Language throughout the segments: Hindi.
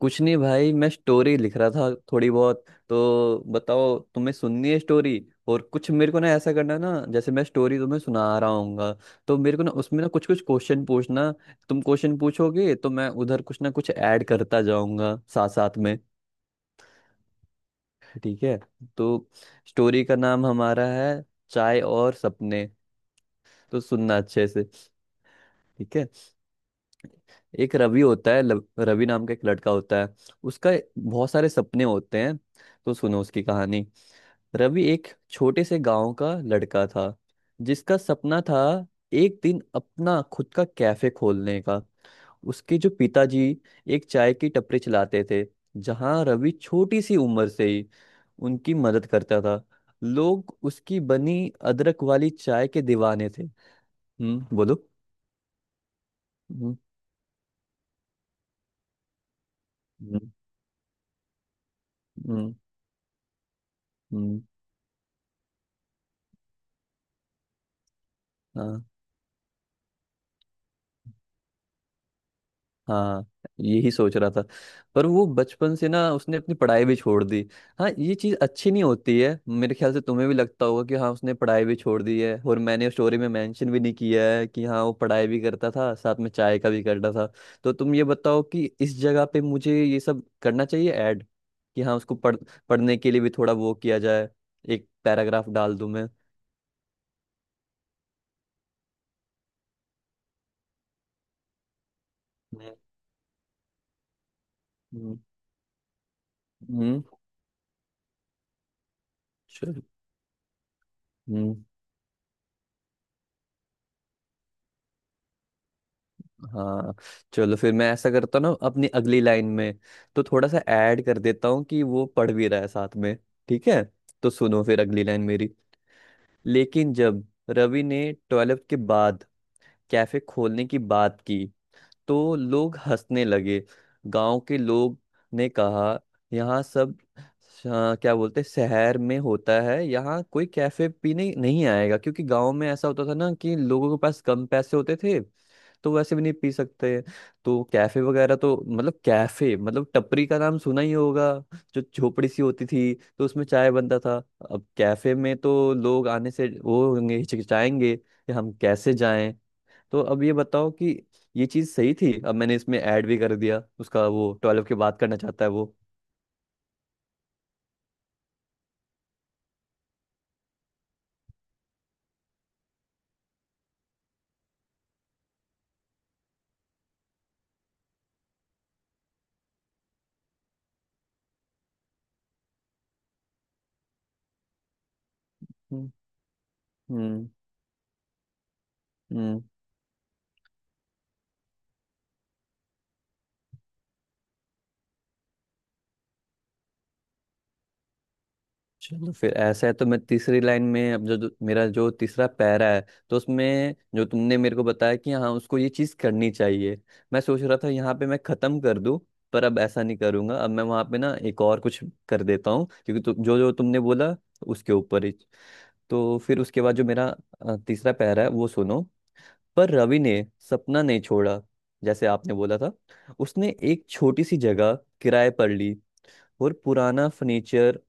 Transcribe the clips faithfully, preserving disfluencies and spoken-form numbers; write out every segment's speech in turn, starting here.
कुछ नहीं भाई। मैं स्टोरी लिख रहा था थोड़ी बहुत। तो बताओ तुम्हें सुननी है स्टोरी? और कुछ मेरे को ना ऐसा करना है ना, जैसे मैं स्टोरी तुम्हें सुना रहा हूँगा तो मेरे को ना उसमें ना कुछ कुछ क्वेश्चन पूछना। तुम क्वेश्चन पूछोगे तो मैं उधर कुछ ना कुछ ऐड करता जाऊंगा साथ साथ में। ठीक है। तो स्टोरी का नाम हमारा है, चाय और सपने। तो सुनना अच्छे से। ठीक है। एक रवि होता है, लव- रवि नाम का एक लड़का होता है। उसका बहुत सारे सपने होते हैं। तो सुनो उसकी कहानी। रवि एक छोटे से गांव का लड़का था जिसका सपना था एक दिन अपना खुद का कैफे खोलने का। उसके जो पिताजी एक चाय की टपरी चलाते थे, जहां रवि छोटी सी उम्र से ही उनकी मदद करता था। लोग उसकी बनी अदरक वाली चाय के दीवाने थे। हम्म, बोलो। हम्म हम्म हम्म हम्म। हाँ हाँ, यही सोच रहा था। पर वो बचपन से ना, उसने अपनी पढ़ाई भी छोड़ दी। हाँ, ये चीज़ अच्छी नहीं होती है मेरे ख्याल से, तुम्हें भी लगता होगा कि हाँ, उसने पढ़ाई भी छोड़ दी है और मैंने स्टोरी में मेंशन भी नहीं किया है कि हाँ, वो पढ़ाई भी करता था साथ में चाय का भी करता था। तो तुम ये बताओ कि इस जगह पे मुझे ये सब करना चाहिए ऐड, कि हाँ उसको पढ़ पढ़ने के लिए भी थोड़ा वो किया जाए। एक पैराग्राफ डाल दूं मैं? हम्म हम्म हम्म। चल। हम्म। हाँ। चलो फिर मैं ऐसा करता हूँ ना अपनी अगली लाइन में, तो थोड़ा सा ऐड कर देता हूँ कि वो पढ़ भी रहा है साथ में। ठीक है। तो सुनो फिर अगली लाइन मेरी। लेकिन जब रवि ने ट्वेल्थ के बाद कैफे खोलने की बात की तो लोग हंसने लगे। गांव के लोग ने कहा यहाँ सब अ, क्या बोलते हैं, शहर में होता है, यहाँ कोई कैफे पीने नहीं आएगा, क्योंकि गांव में ऐसा होता था ना कि लोगों के पास कम पैसे होते थे तो वैसे भी नहीं पी सकते हैं। तो कैफे वगैरह तो, मतलब कैफे मतलब, टपरी का नाम सुना ही होगा जो झोपड़ी सी होती थी, तो उसमें चाय बनता था। अब कैफे में तो लोग आने से वो होंगे, हिचकिचाएंगे कि हम कैसे जाएं। तो अब ये बताओ कि ये चीज सही थी, अब मैंने इसमें ऐड भी कर दिया उसका, वो टॉयलेट की बात करना चाहता है वो। हम्म हम्म हम्म। चलो फिर ऐसा है तो मैं तीसरी लाइन में अब जो, जो मेरा जो तीसरा पैरा है, तो उसमें जो तुमने मेरे को बताया कि हाँ उसको ये चीज करनी चाहिए। मैं सोच रहा था यहाँ पे मैं खत्म कर दूं, पर अब ऐसा नहीं करूंगा, अब मैं वहां पे ना एक और कुछ कर देता हूँ क्योंकि तु, जो जो तुमने बोला उसके ऊपर ही। तो फिर उसके बाद जो मेरा अ, तीसरा पैरा है वो सुनो। पर रवि ने सपना नहीं छोड़ा, जैसे आपने बोला था। उसने एक छोटी सी जगह किराए पर ली और पुराना फर्नीचर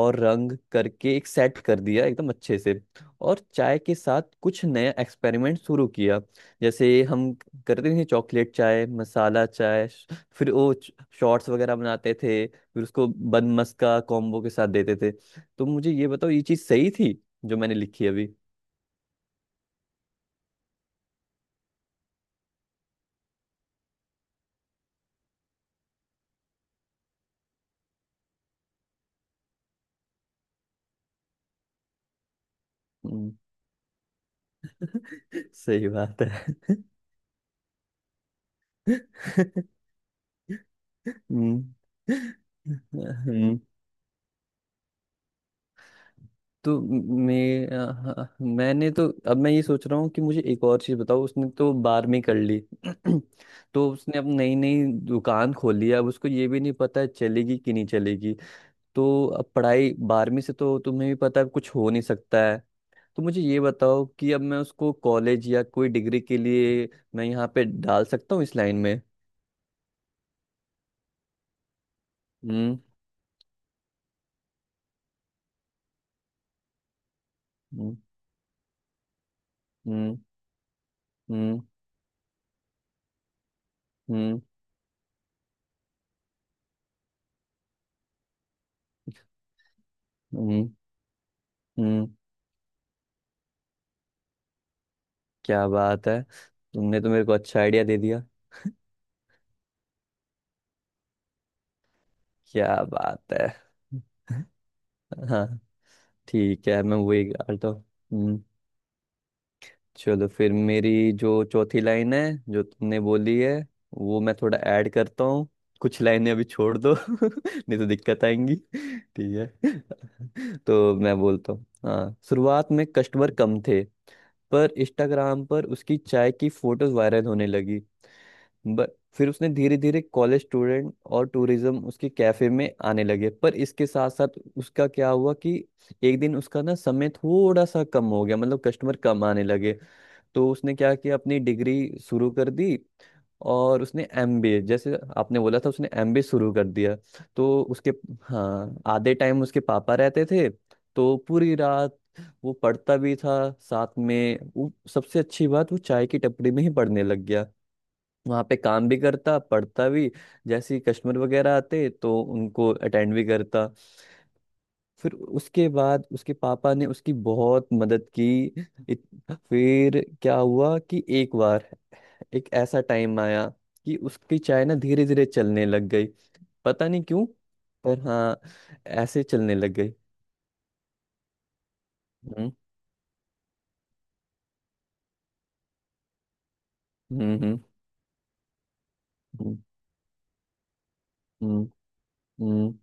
और रंग करके एक सेट कर दिया एकदम अच्छे से। और चाय के साथ कुछ नया एक्सपेरिमेंट शुरू किया, जैसे हम करते थे चॉकलेट चाय, मसाला चाय, श- फिर वो शॉर्ट्स वगैरह बनाते थे, फिर उसको बन मस्का कॉम्बो के साथ देते थे। तो मुझे ये बताओ ये चीज़ सही थी जो मैंने लिखी अभी? हम्म। सही बात है। हम्म, हम्म। तो मैं अ, मैंने तो, अब मैं ये सोच रहा हूँ कि मुझे एक और चीज़ बताओ। उसने तो बारहवीं कर ली। तो उसने अब नई नई दुकान खोली है, अब उसको ये भी नहीं पता है चलेगी कि नहीं चलेगी। तो अब पढ़ाई बारहवीं से तो तुम्हें भी पता है कुछ हो नहीं सकता है। तो मुझे ये बताओ कि अब मैं उसको कॉलेज या कोई डिग्री के लिए मैं यहाँ पे डाल सकता हूँ इस लाइन में? हम्म हम्म हम्म हम्म हम्म हम्म हम्म। क्या बात है, तुमने तो मेरे को अच्छा आइडिया दे दिया। क्या बात है। हाँ। ठीक है मैं वही गा तो, हम्म। चलो फिर मेरी जो चौथी लाइन है जो तुमने बोली है वो मैं थोड़ा ऐड करता हूँ। कुछ लाइनें अभी छोड़ दो नहीं तो दिक्कत आएंगी, ठीक है। तो मैं बोलता हूँ, हाँ शुरुआत में कस्टमर कम थे पर इंस्टाग्राम पर उसकी चाय की फोटोज वायरल होने लगी। बट फिर उसने धीरे धीरे कॉलेज स्टूडेंट और टूरिज्म उसके कैफे में आने लगे। पर इसके साथ साथ उसका क्या हुआ कि एक दिन उसका ना समय थोड़ा सा कम हो गया, मतलब कस्टमर कम आने लगे। तो उसने क्या किया, अपनी डिग्री शुरू कर दी। और उसने एमबीए, जैसे आपने बोला था, उसने एमबीए शुरू कर दिया। तो उसके, हाँ आधे टाइम उसके पापा रहते थे। तो पूरी रात वो पढ़ता भी था, साथ में वो, सबसे अच्छी बात, वो चाय की टपरी में ही पढ़ने लग गया। वहाँ पे काम भी करता, पढ़ता भी। जैसे ही कस्टमर वगैरह आते तो उनको अटेंड भी करता। फिर उसके बाद उसके पापा ने उसकी बहुत मदद की। इत- फिर क्या हुआ कि एक बार एक ऐसा टाइम आया कि उसकी चाय ना धीरे धीरे चलने लग गई, पता नहीं क्यों, पर हाँ ऐसे चलने लग गई। हम्म हम्म हम्म हम्म हम्म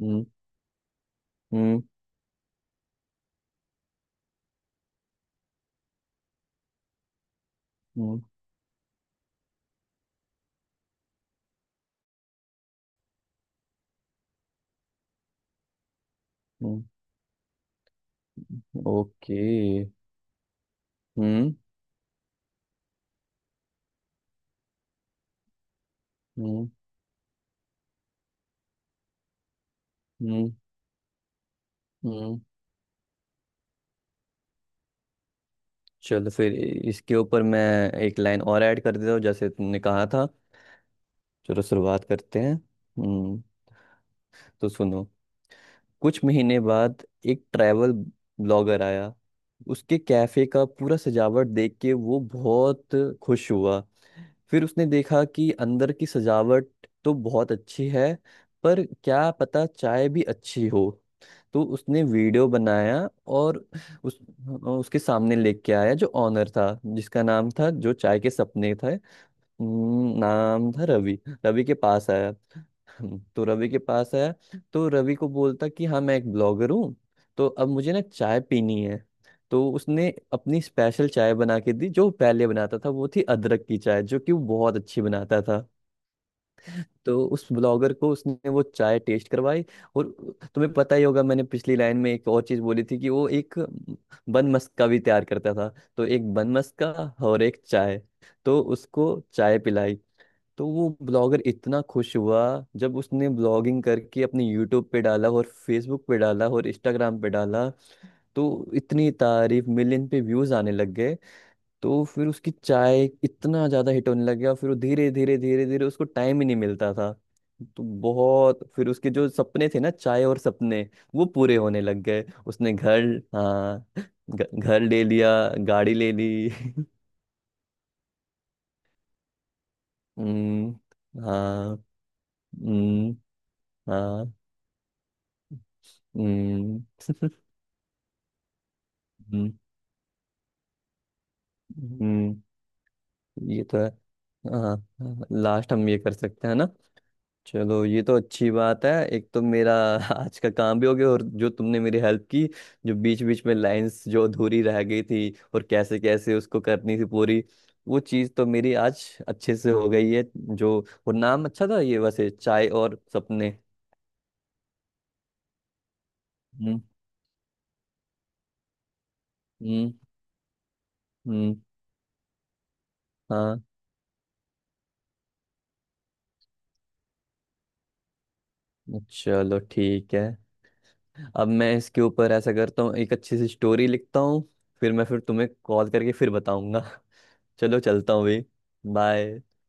हम्म हम्म हम्म हम्म। ओके, हम्म, okay। हम्म हम्म हम्म, हम्म। चलो फिर इसके ऊपर मैं एक लाइन और ऐड कर देता हूँ जैसे तुमने कहा था। चलो शुरुआत करते हैं, हम्म। तो सुनो, कुछ महीने बाद एक ट्रैवल ब्लॉगर आया। उसके कैफे का पूरा सजावट देख के वो बहुत खुश हुआ। फिर उसने देखा कि अंदर की सजावट तो बहुत अच्छी है, पर क्या पता चाय भी अच्छी हो। तो उसने वीडियो बनाया और उस उसके सामने लेके आया, जो ऑनर था जिसका नाम था, जो चाय के सपने था, हम्म, नाम था रवि। रवि के पास आया। हम्म, तो रवि के पास आया, तो रवि को बोलता कि हाँ मैं एक ब्लॉगर हूँ, तो अब मुझे ना चाय पीनी है। तो उसने अपनी स्पेशल चाय बना के दी। जो वो पहले बनाता था वो थी अदरक की चाय जो कि वो बहुत अच्छी बनाता था। तो उस ब्लॉगर को उसने वो चाय टेस्ट करवाई। और तुम्हें पता ही होगा मैंने पिछली लाइन में एक और चीज बोली थी कि वो एक बन मस्का भी तैयार करता था। तो एक बन मस्का और एक चाय, तो उसको चाय पिलाई। तो वो ब्लॉगर इतना खुश हुआ, जब उसने ब्लॉगिंग करके अपने यूट्यूब पे डाला और फेसबुक पे डाला और इंस्टाग्राम पे डाला, तो इतनी तारीफ, मिलियन पे व्यूज आने लग गए। तो फिर उसकी चाय इतना ज्यादा हिट होने लग गया, फिर वो धीरे धीरे धीरे धीरे, उसको टाइम ही नहीं मिलता था। तो बहुत, फिर उसके जो सपने थे ना, चाय और सपने, वो पूरे होने लग गए। उसने घर, हाँ घ- घर ले लिया, गाड़ी ले ली। हम्म हाँ हम्म हाँ हम्म हम्म हम्म। ये तो है। हाँ, लास्ट हम ये कर सकते हैं ना। चलो ये तो अच्छी बात है, एक तो मेरा आज का काम भी हो गया, और जो तुमने मेरी हेल्प की, जो बीच बीच में लाइंस जो अधूरी रह गई थी और कैसे कैसे उसको करनी थी पूरी, वो चीज़ तो मेरी आज अच्छे से हो गई है जो। और नाम अच्छा था ये वैसे, चाय और सपने। हम्म हम्म हम्म। हाँ, चलो ठीक है। अब मैं इसके ऊपर ऐसा करता हूँ, एक अच्छी सी स्टोरी लिखता हूँ। फिर मैं, फिर तुम्हें कॉल करके फिर बताऊंगा। चलो चलता हूँ भाई। बाय।